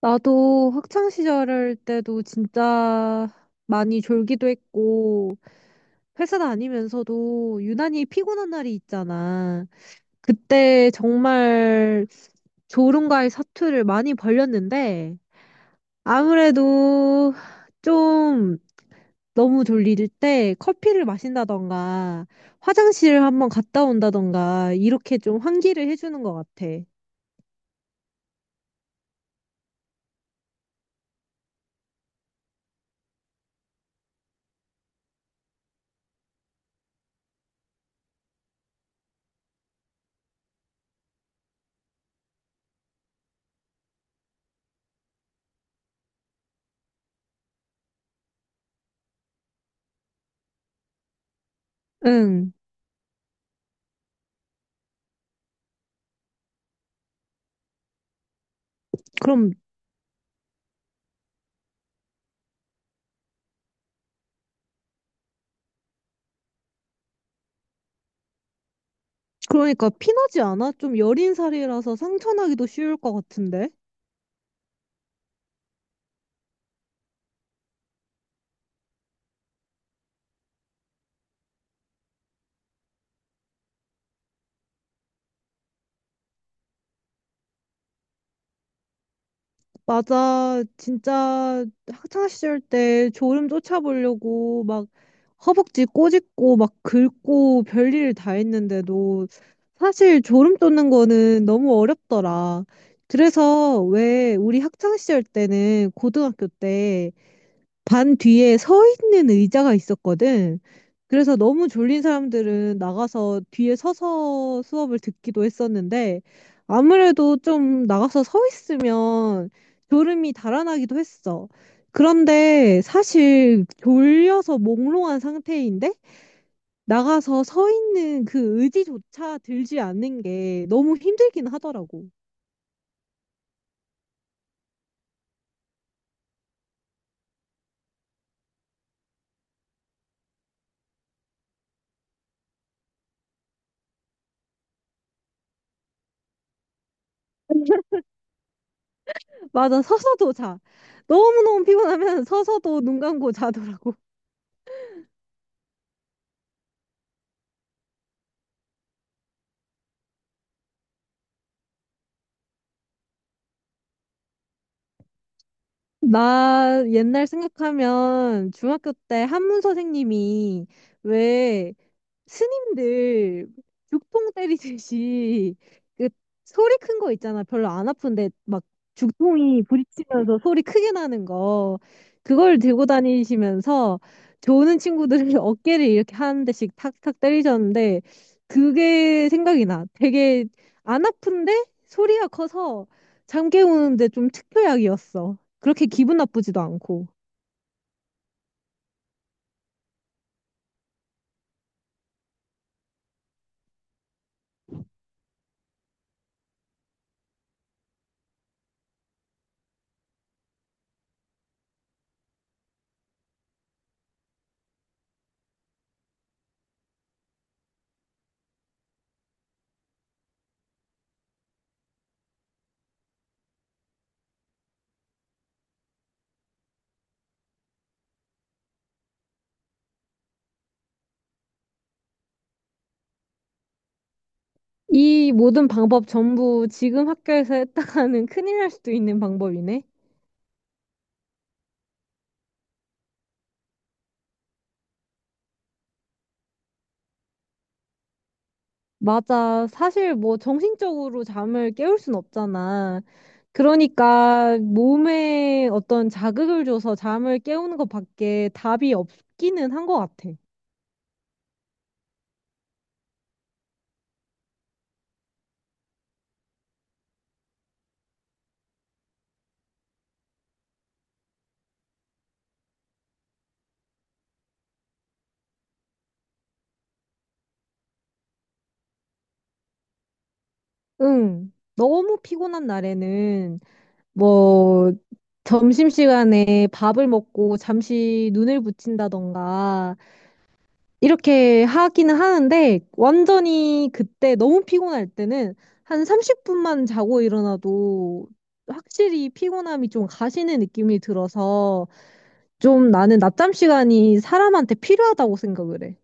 나도 학창 시절 때도 진짜 많이 졸기도 했고, 회사 다니면서도 유난히 피곤한 날이 있잖아. 그때 정말 졸음과의 사투를 많이 벌였는데, 아무래도 좀 너무 졸릴 때 커피를 마신다던가, 화장실을 한번 갔다 온다던가, 이렇게 좀 환기를 해주는 것 같아. 응. 그럼 그러니까 피나지 않아? 좀 여린 살이라서 상처나기도 쉬울 것 같은데? 맞아. 진짜 학창시절 때 졸음 쫓아보려고 막 허벅지 꼬집고 막 긁고 별일 다 했는데도 사실 졸음 쫓는 거는 너무 어렵더라. 그래서 왜 우리 학창시절 때는 고등학교 때 반 뒤에 서 있는 의자가 있었거든. 그래서 너무 졸린 사람들은 나가서 뒤에 서서 수업을 듣기도 했었는데 아무래도 좀 나가서 서 있으면 졸음이 달아나기도 했어. 그런데 사실 졸려서 몽롱한 상태인데 나가서 서 있는 그 의지조차 들지 않는 게 너무 힘들긴 하더라고. 맞아, 서서도 자. 너무너무 피곤하면 서서도 눈 감고 자더라고. 나 옛날 생각하면 중학교 때 한문 선생님이 왜 스님들 죽통 때리듯이 그 소리 큰 거 있잖아. 별로 안 아픈데 막 죽통이 부딪히면서 소리 크게 나는 거. 그걸 들고 다니시면서 좋은 친구들을 어깨를 이렇게 한 대씩 탁탁 때리셨는데 그게 생각이 나. 되게 안 아픈데 소리가 커서 잠 깨우는데 좀 특효약이었어. 그렇게 기분 나쁘지도 않고. 이 모든 방법 전부 지금 학교에서 했다가는 큰일 날 수도 있는 방법이네. 맞아. 사실 뭐 정신적으로 잠을 깨울 순 없잖아. 그러니까 몸에 어떤 자극을 줘서 잠을 깨우는 것밖에 답이 없기는 한 것 같아. 응. 너무 피곤한 날에는 뭐 점심시간에 밥을 먹고 잠시 눈을 붙인다던가 이렇게 하기는 하는데 완전히 그때 너무 피곤할 때는 한 30분만 자고 일어나도 확실히 피곤함이 좀 가시는 느낌이 들어서 좀 나는 낮잠 시간이 사람한테 필요하다고 생각을 해.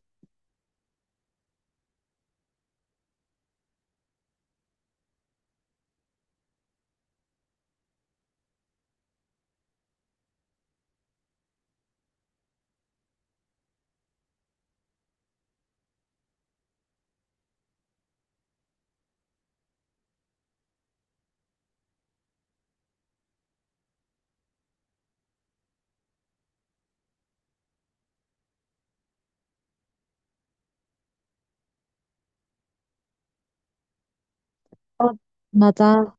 어, 맞아.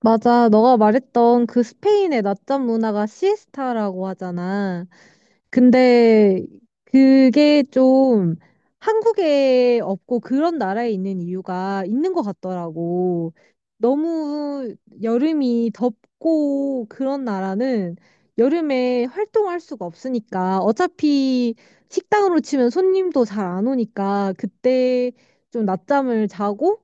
맞아. 너가 말했던 그 스페인의 낮잠 문화가 시에스타라고 하잖아. 근데 그게 좀 한국에 없고 그런 나라에 있는 이유가 있는 것 같더라고. 너무 여름이 덥고 그런 나라는 여름에 활동할 수가 없으니까 어차피 식당으로 치면 손님도 잘 안 오니까 그때 좀 낮잠을 자고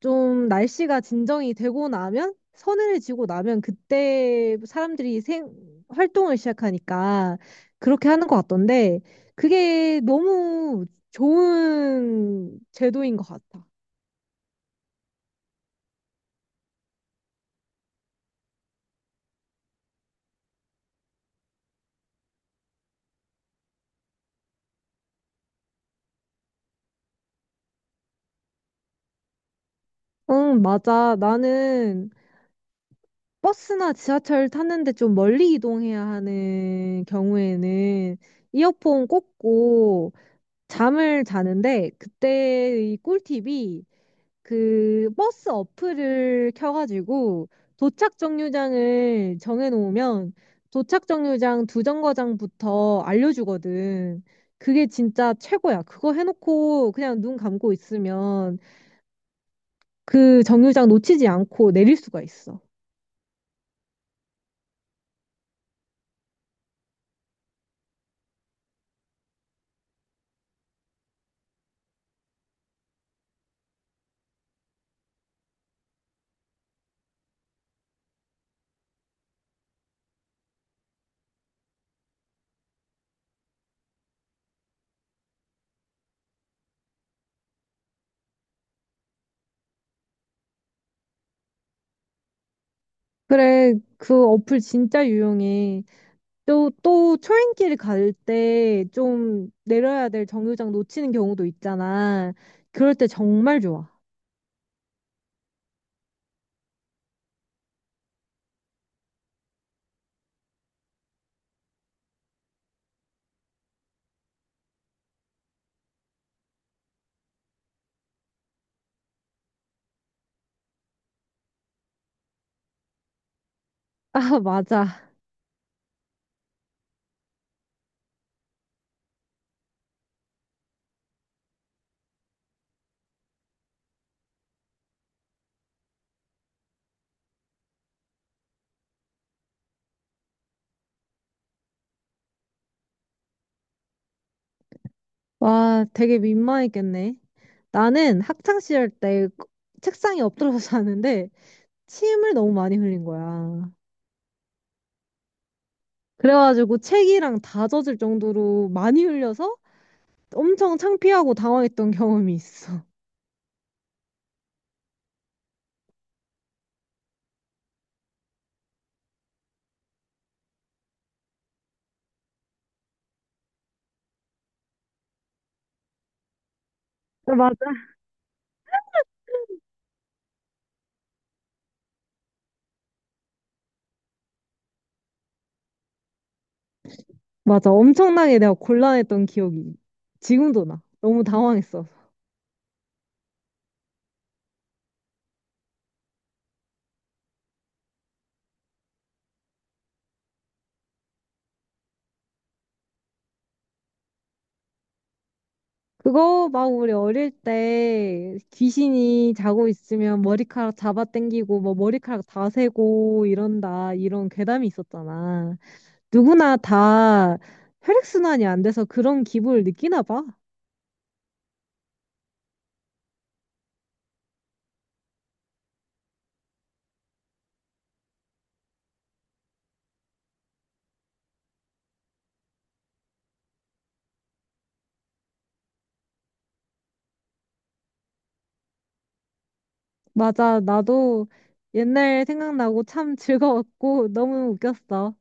좀 날씨가 진정이 되고 나면 서늘해지고 나면 그때 사람들이 생 활동을 시작하니까 그렇게 하는 것 같던데 그게 너무 좋은 제도인 것 같아. 응, 맞아. 나는 버스나 지하철 탔는데 좀 멀리 이동해야 하는 경우에는 이어폰 꽂고 잠을 자는데 그때의 꿀팁이 그 버스 어플을 켜가지고 도착 정류장을 정해놓으면 도착 정류장 두 정거장부터 알려주거든. 그게 진짜 최고야. 그거 해놓고 그냥 눈 감고 있으면 그 정류장 놓치지 않고 내릴 수가 있어. 그래, 그 어플 진짜 유용해. 또, 또 초행길 갈 때 좀 내려야 될 정류장 놓치는 경우도 있잖아. 그럴 때 정말 좋아. 아, 맞아. 와, 되게 민망했겠네. 나는 학창 시절 때 책상에 엎드려서 자는데 침을 너무 많이 흘린 거야. 그래가지고 책이랑 다 젖을 정도로 많이 흘려서 엄청 창피하고 당황했던 경험이 있어. 아, 맞아. 맞아. 엄청나게 내가 곤란했던 기억이 지금도 나. 너무 당황했어. 그거 막 우리 어릴 때 귀신이 자고 있으면 머리카락 잡아당기고 뭐 머리카락 다 세고 이런다 이런 괴담이 있었잖아. 누구나 다 혈액순환이 안 돼서 그런 기분을 느끼나 봐. 맞아, 나도 옛날 생각나고 참 즐거웠고 너무 웃겼어.